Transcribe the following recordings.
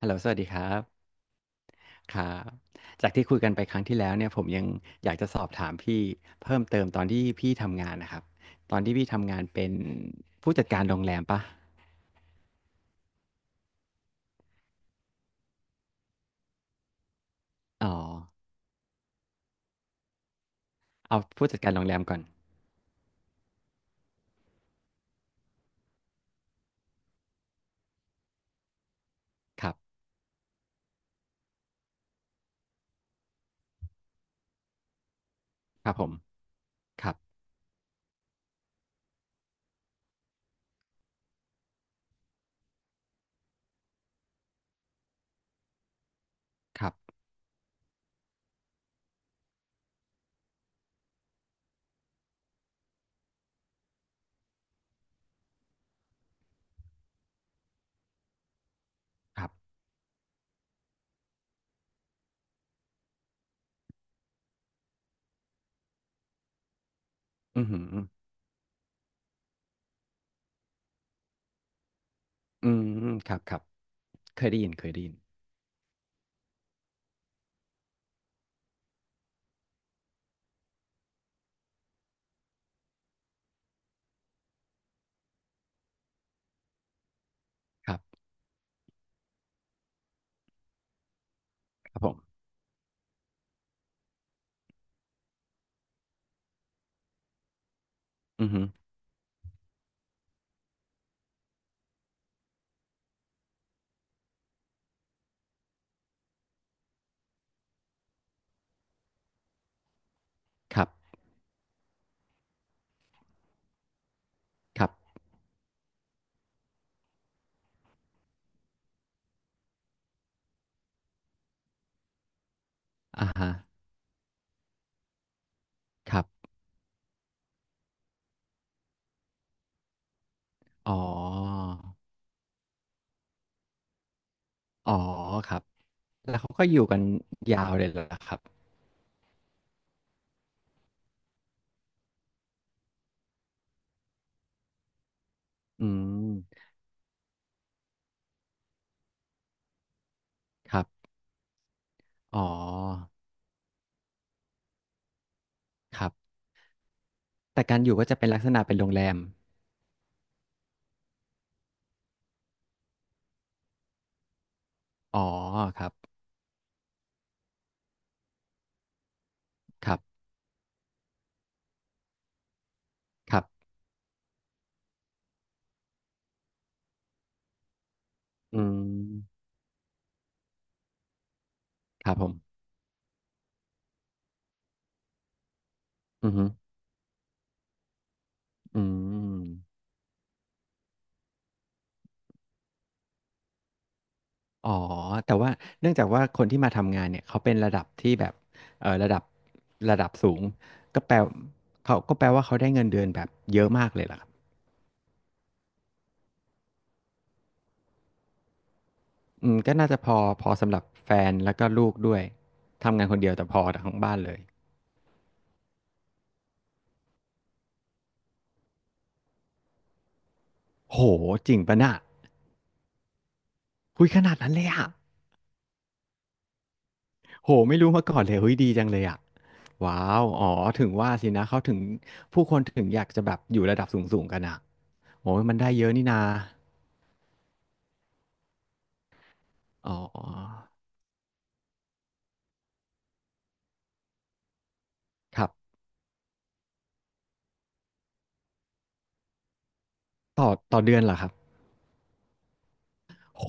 ฮัลโหลสวัสดีครับครับจากที่คุยกันไปครั้งที่แล้วเนี่ยผมยังอยากจะสอบถามพี่เพิ่มเติมตอนที่พี่ทำงานนะครับตอนที่พี่ทำงานเป็นผู้จัดการโรงแรมปะอ๋อเอาผู้จัดการโรงแรมก่อนครับครับผมครับครับครับอือหืออืมครับครับเคยได้ยินเคยได้ยินครับครับผมอือหือครับครับอ่าฮะครับอ๋ออ๋อครับแล้วเขาก็อยู่กันยาวเลยเหรอครับอืมครับ อ๋อครับแต่การอยู่ก็จะเป็นลักษณะเป็นโรงแรมอ๋อครับครับครับอืมครับผมอือฮึอืมอ๋อแต่ว่าเนื่องจากว่าคนที่มาทำงานเนี่ยเขาเป็นระดับที่แบบระดับระดับสูงก็แปลเขาก็แปลว่าเขาได้เงินเดือนแบบเยอะมากเลยล่ะครับอืมก็น่าจะพอพอสำหรับแฟนแล้วก็ลูกด้วยทำงานคนเดียวแต่พอทั้งบ้านเลยโหจริงปะน่ะคุยขนาดนั้นเลยอะ โหไม่รู้มาก่อนเลยเฮ้ยดีจังเลยอ่ะว้าวอ๋อถึงว่าสินะเขาถึงผู้คนถึงอยากจะแบบอยู่ระดับสูงๆกันอ่ะโอ้ยมันได้เยอะนี่นาอ๋อครับต่อต่อเดือนเหรอครับโห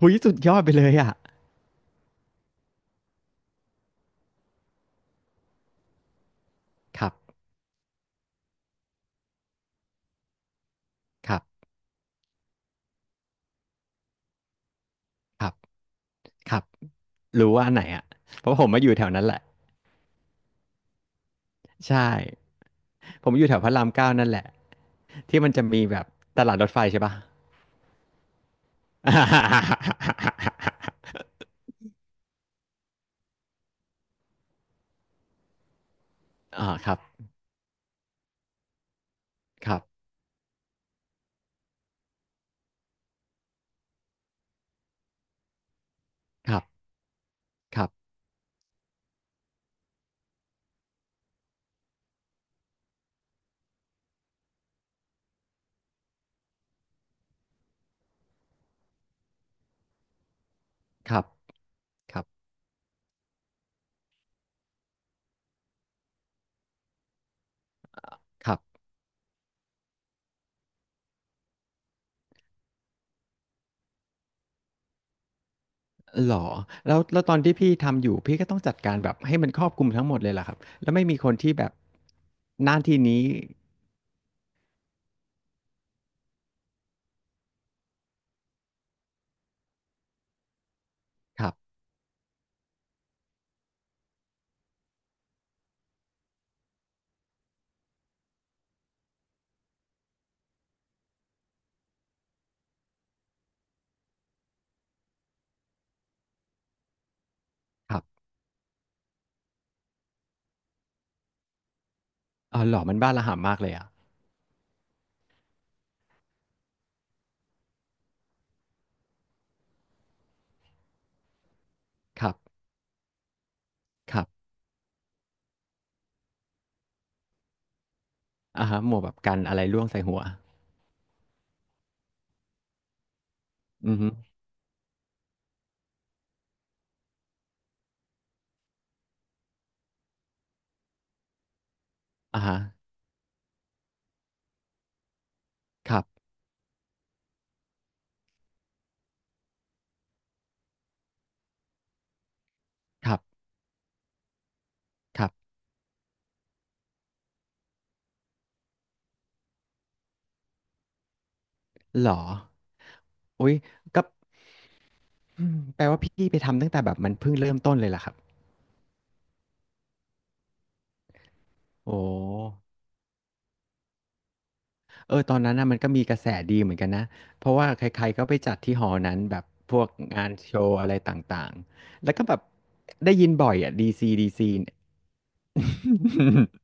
หุยสุดยอดไปเลยอ่ะครับครับครับครับรู้ว่าอันไหนอ่ะเพราะผมมาอยู่แถวนั้นแหละใช่ผมอยู่แถวพระรามเก้านั่นแหละที่มันจะมีแบบตลาดรถไฟใช่ปะ อ่าครับครับครับครับครับ ครับครับเหรอแล้วแล้วตอนที่พี่ทำอยู่พี่ก็ต้องจัดการแบบให้มันครอบคลุมทั้งหมดเลยเหรอครับแล้วไม่มีคนที่แบบหน้าที่นี้ครับครับอ๋อหรอมันบ้าระห่ำมากเลยอ่ะครับครับอ่าฮะหมวกแบบกันอะไรร่วงใส่หัวอือฮึอ่าฮะครับครับครับเหรออุ๊ยก็อืมแปลว่าพี่ไปทำตั้งแต่แบบมันเพิ่งเริ่มต้นเลยเหรอครับโอ้โฮ ตอนนั้นนะมันก็มีกระแสดีเหมือนกันนะเพราะว่าใครๆก็ไปจัดที่หอนั้นแบบพวกงานโชว์อะไรต่างๆแล้วก็แบบได้ยินบ่อยอ่ะดีซีดีซีเนี่ย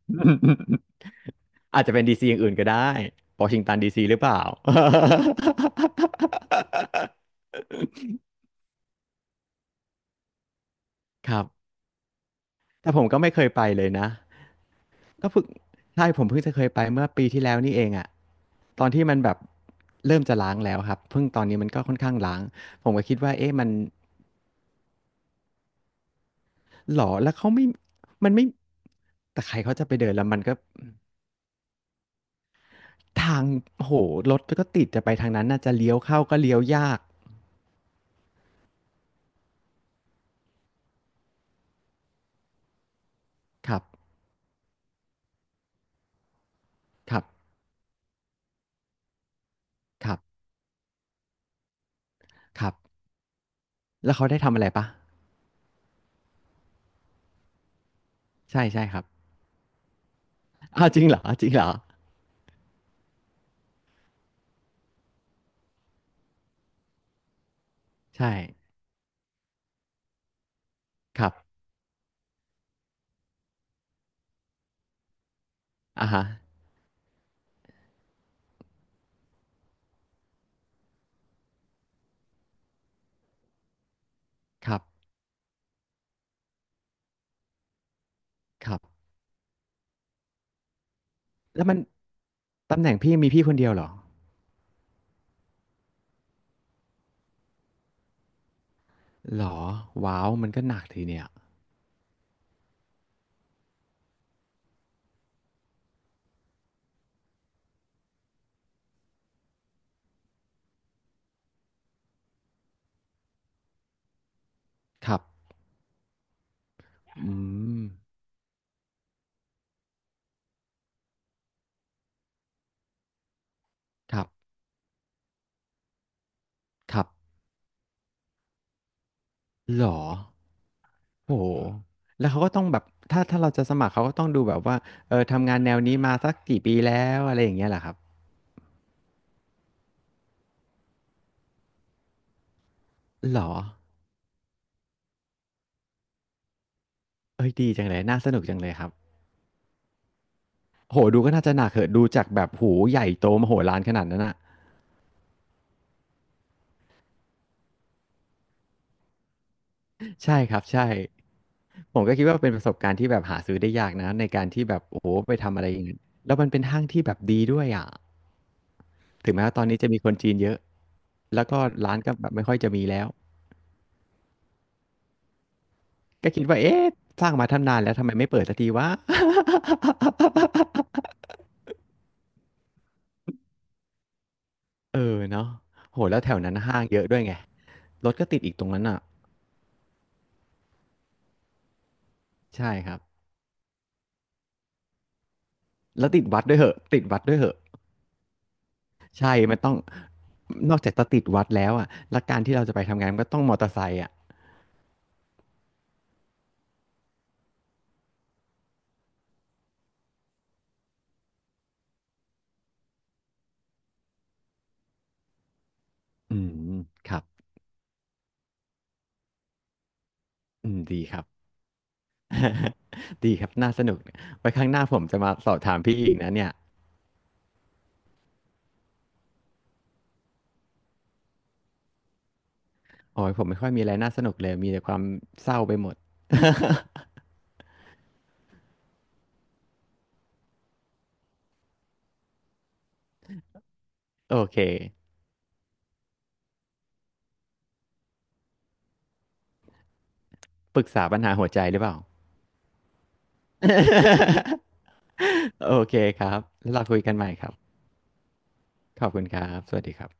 อาจจะเป็นดีซีอย่างอื่นก็ได้วอชิงตันดีซีหรือเปล่า ครับแต่ผมก็ไม่เคยไปเลยนะก็เพิ่งใช่ผมเพิ่งจะเคยไปเมื่อปีที่แล้วนี่เองอะตอนที่มันแบบเริ่มจะล้างแล้วครับเพิ่งตอนนี้มันก็ค่อนข้างล้างผมก็คิดว่าเอ๊ะมัน หรอแล้วเขาไม่ มันไม่ แต่ใครเขาจะไปเดินแล้วมันก็ทางโหรถก็ติดจะไปทางนั้นน่าจะเลี้ยวเข้าก็เลี้ยวยากครับครับครับครับแล้วเขาได้ทำอะไรปะใช่ใช่ครับ อ้าวจริงเหรอจริงเหรอใช่ครับอ่าฮะครับครับแล้วมันตำแหน่งพี่มีพี่คนเดียวเหรอหรอว้าวมันก็หนักทีเนี่ยครับอืมครับครับหรอ โอ้โห แล้วเขาก็ต้องแบบถ้าถ้าเราจะสมัครเขาก็ต้องดูแบบว่าทำงานแนวนี้มาสักกี่ปีแล้วอะไรอย่างเงี้ยเหรอครับหรอเอ้ยดีจังเลยน่าสนุกจังเลยครับโหดูก็น่าจะหนักเหอะดูจากแบบหูใหญ่โตมโหฬารขนาดนั้นอ่ะใช่ครับใช่ผมก็คิดว่าเป็นประสบการณ์ที่แบบหาซื้อได้ยากนะในการที่แบบโอ้โหไปทำอะไรอย่างนั้นแล้วมันเป็นห้างที่แบบดีด้วยอ่ะถึงแม้ว่าตอนนี้จะมีคนจีนเยอะแล้วก็ร้านก็แบบไม่ค่อยจะมีแล้ว ก็คิดว่าเอ๊ะสร้างมาทำนานแล้วทำไมไม่เปิดสักทีวะ เออเนาะโหแล้วแถวนั้นห้างเยอะด้วยไงรถก็ติดอีกตรงนั้นอ่ะใช่ครับแล้วติดวัดด้วยเหอะติดวัดด้วยเหอะใช่มันต้องนอกจากจะติดวัดแล้วอ่ะแล้วการที่เราจะไปทำงานมันก็ต้องมอเตอร์ไซค์อ่ะอืมครับอืมดีครับ ดีครับน่าสนุกไว้ครั้งหน้าผมจะมาสอบถามพี่อีกนะเนี่ยโอ้ยผมไม่ค่อยมีอะไรน่าสนุกเลยมีแต่ความเศร้าไปหมด โอเคปรึกษาปัญหาหัวใจหรือเปล่า โอเคครับแล้วเราคุยกันใหม่ครับ ขอบคุณครับ สวัสดีครับ